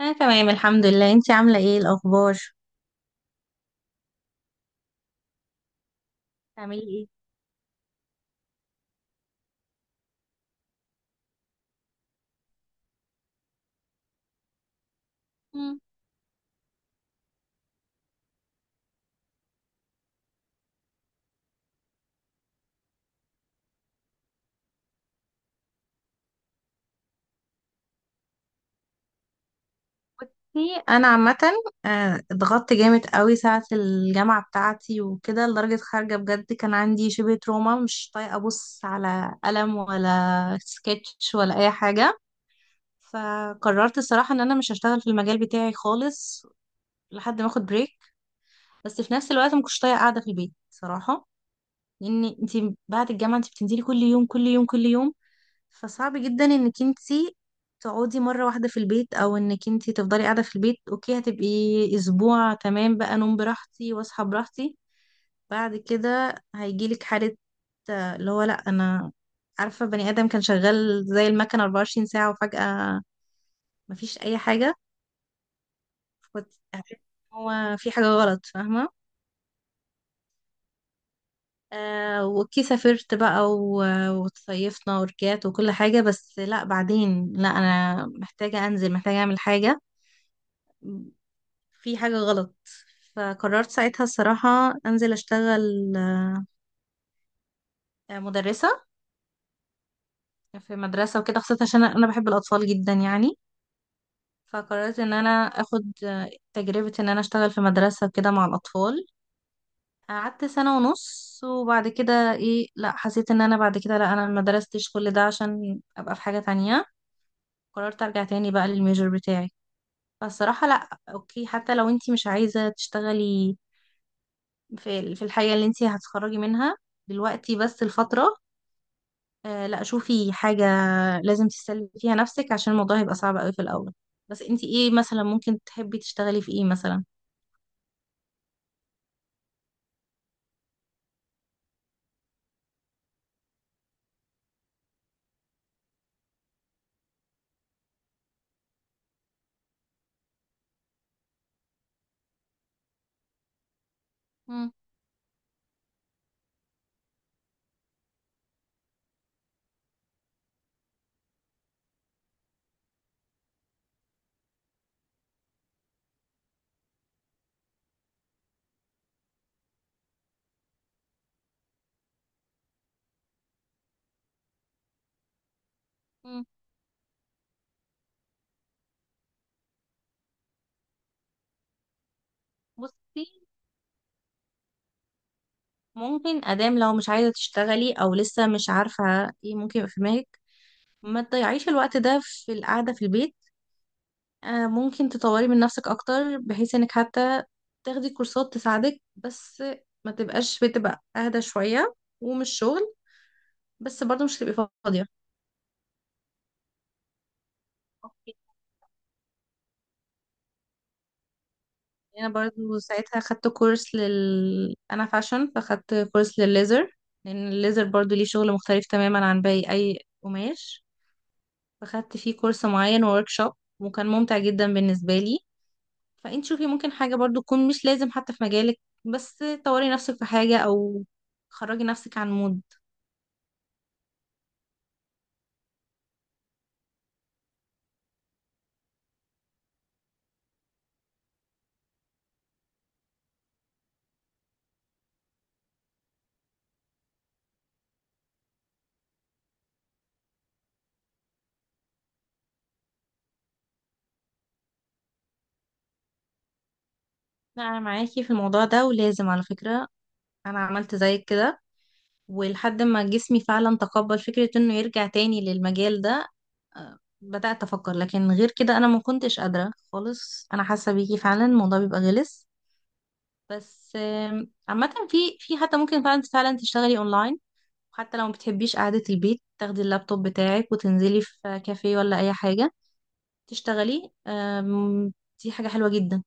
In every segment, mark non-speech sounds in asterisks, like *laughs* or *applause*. انا تمام الحمد لله. انتي عامله ايه الاخبار؟ بتعملي ايه؟ مم. بصي، انا عامه اتضغطت جامد قوي ساعه الجامعه بتاعتي وكده لدرجه خارجه بجد كان عندي شبه تروما، مش طايقه ابص على قلم ولا سكتش ولا اي حاجه. فقررت الصراحه ان انا مش هشتغل في المجال بتاعي خالص لحد ما اخد بريك. بس في نفس الوقت ما كنتش طايقه قاعده في البيت صراحه، لان انتي بعد الجامعه انتي بتنزلي كل يوم كل يوم كل يوم. فصعب جدا انك انتي تقعدي مرة واحدة في البيت، او انك انتي تفضلي قاعدة في البيت. اوكي، هتبقي اسبوع تمام بقى، نوم براحتي واصحى براحتي. بعد كده هيجيلك حالة، اللي هو لا، انا عارفة، بني ادم كان شغال زي المكنة 24 ساعة وفجأة مفيش اي حاجة. هتحسي إن هو في حاجة غلط، فاهمة؟ وكي سافرت بقى و- وتصيفنا ورجعت وكل حاجة. بس لا، بعدين لا، أنا محتاجة أنزل، محتاجة أعمل حاجة. في حاجة غلط. فقررت ساعتها الصراحة أنزل أشتغل. مدرسة، في مدرسة وكده، خاصة عشان أنا بحب الأطفال جدا يعني. فقررت إن أنا أخد تجربة إن أنا أشتغل في مدرسة وكده مع الأطفال. قعدت سنة ونص، وبعد كده إيه، لأ، حسيت إن أنا بعد كده لأ، أنا مدرستش كل ده عشان أبقى في حاجة تانية. قررت أرجع تاني بقى للميجر بتاعي. فالصراحة لأ، أوكي حتى لو أنتي مش عايزة تشتغلي في الحاجة اللي انتي هتتخرجي منها دلوقتي، بس الفترة. لا، شوفي، حاجة لازم تسلي فيها نفسك عشان الموضوع هيبقى صعب قوي في الأول. بس انتي ايه مثلا ممكن تحبي تشتغلي في ايه مثلا؟ مم. مم. بصي، ممكن أدام لو مش عايزة تشتغلي أو لسه مش عارفة ايه ممكن يبقى في دماغك، ما تضيعيش الوقت ده في القعدة في البيت. ممكن تطوري من نفسك أكتر بحيث انك حتى تاخدي كورسات تساعدك. بس ما تبقاش، بتبقى أهدى شوية ومش شغل، بس برضو مش هتبقي فاضية. اوكي. انا برضو ساعتها خدت كورس انا فاشن، فخدت كورس للليزر. لان الليزر برضو ليه شغل مختلف تماما عن باقي اي قماش. فخدت فيه كورس معين ووركشوب، وكان ممتع جدا بالنسبة لي. فانت شوفي، ممكن حاجة برضو تكون مش لازم حتى في مجالك، بس طوري نفسك في حاجة او خرجي نفسك عن مود. لا انا معاكي في الموضوع ده ولازم. على فكرة، انا عملت زيك كده، ولحد ما جسمي فعلا تقبل فكرة انه يرجع تاني للمجال ده. بدأت افكر، لكن غير كده انا ما كنتش قادرة خالص. انا حاسة بيكي فعلا الموضوع بيبقى غلس. بس عامة، في حتى ممكن فعلا فعلا تشتغلي اونلاين. حتى لو ما بتحبيش قعدة البيت، تاخدي اللابتوب بتاعك وتنزلي في كافيه ولا اي حاجة تشتغلي. دي حاجة حلوة جدا.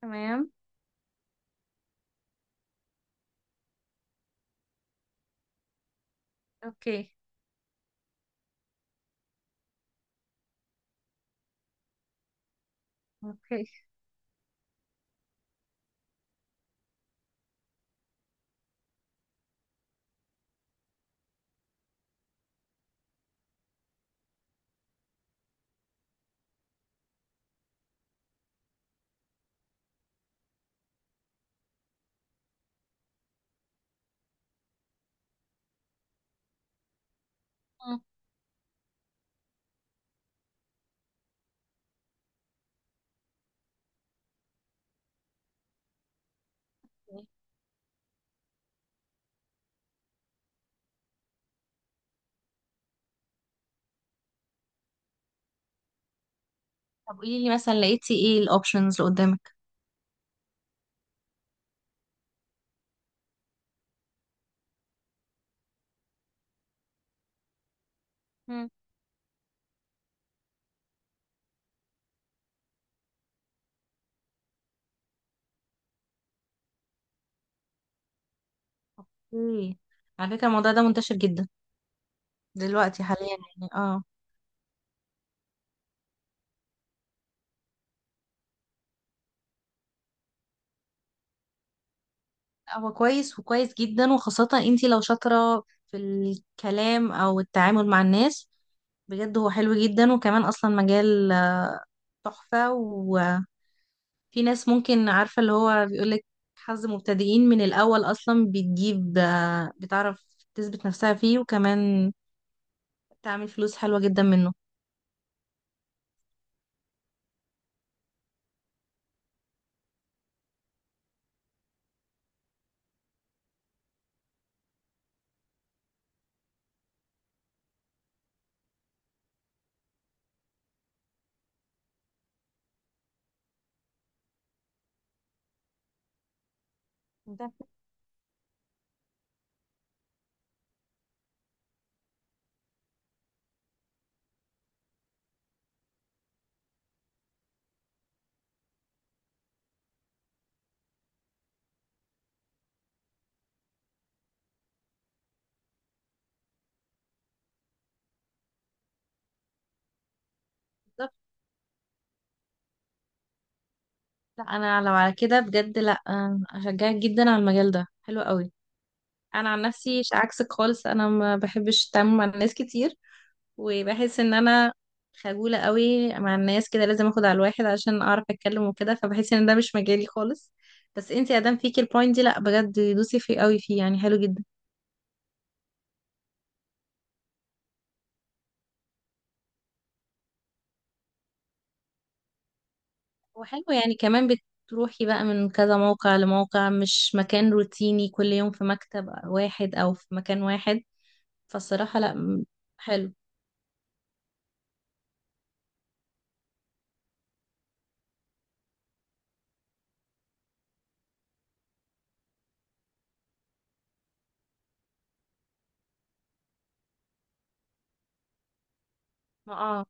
تمام. اوكي. اوكي. أوكي. طب قولي لي مثلا، لقيتي ايه الاوبشنز اللي قدامك؟ اوكي. على فكرة، الموضوع ده منتشر جدا دلوقتي حاليا يعني، اه. هو كويس، وكويس جدا، وخاصة انتي لو شاطرة في الكلام او التعامل مع الناس بجد. هو حلو جدا، وكمان اصلا مجال تحفة. وفي ناس ممكن، عارفة اللي هو بيقولك حظ مبتدئين، من الاول اصلا بتجيب بتعرف تثبت نفسها فيه، وكمان تعمل فلوس حلوة جدا منه. ده. بالظبط. لا، انا لو على كده بجد لا، اشجعك جدا على المجال ده، حلو قوي. انا عن نفسي، عكسك خالص، انا ما بحبش التعامل مع الناس كتير. وبحس ان انا خجولة قوي مع الناس، كده لازم اخد على الواحد عشان اعرف اتكلم وكده، فبحس ان ده مش مجالي خالص. بس انتي ادام فيكي البوينت دي، لا بجد دوسي فيه قوي، فيه يعني حلو جدا. وحلو يعني، كمان بتروحي بقى من كذا موقع لموقع، مش مكان روتيني كل يوم في مكتب واحد او في مكان واحد. فالصراحة لا، حلو. اه.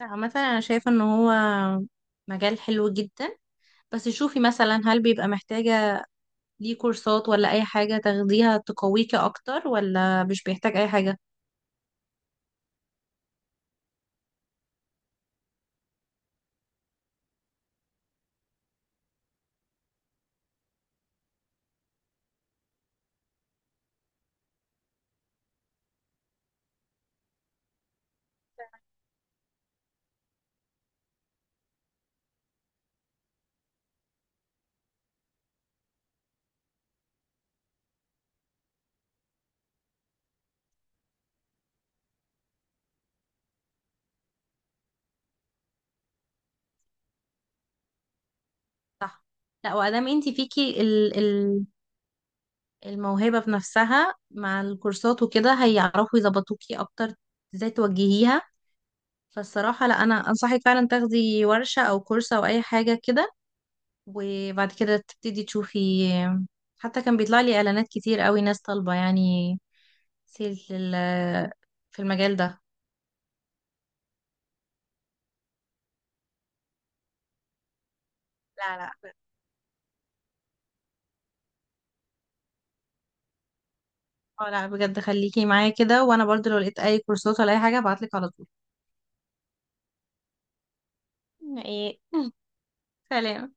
عامة انا شايفة ان هو مجال حلو جدا. بس شوفي مثلا، هل بيبقى محتاجة ليه كورسات ولا أي حاجة تاخديها تقويكي أكتر، ولا مش بيحتاج أي حاجة؟ صح. لا وأدام انتي فيكي ال الموهبة بنفسها، مع الكورسات وكده هيعرفوا يظبطوكي أكتر، ازاي توجهيها. فالصراحة لا، أنا أنصحك فعلا تاخدي ورشة أو كورس أو أي حاجة كده. وبعد كده تبتدي تشوفي. حتى كان بيطلع لي إعلانات كتير قوي، ناس طالبة يعني سيل في المجال ده. لا، لا. اه، لا بجد خليكي معايا كده، وانا برضو لو لقيت اي كورسات ولا اي حاجة هبعتلك على طول. ايه. *laughs* سلام.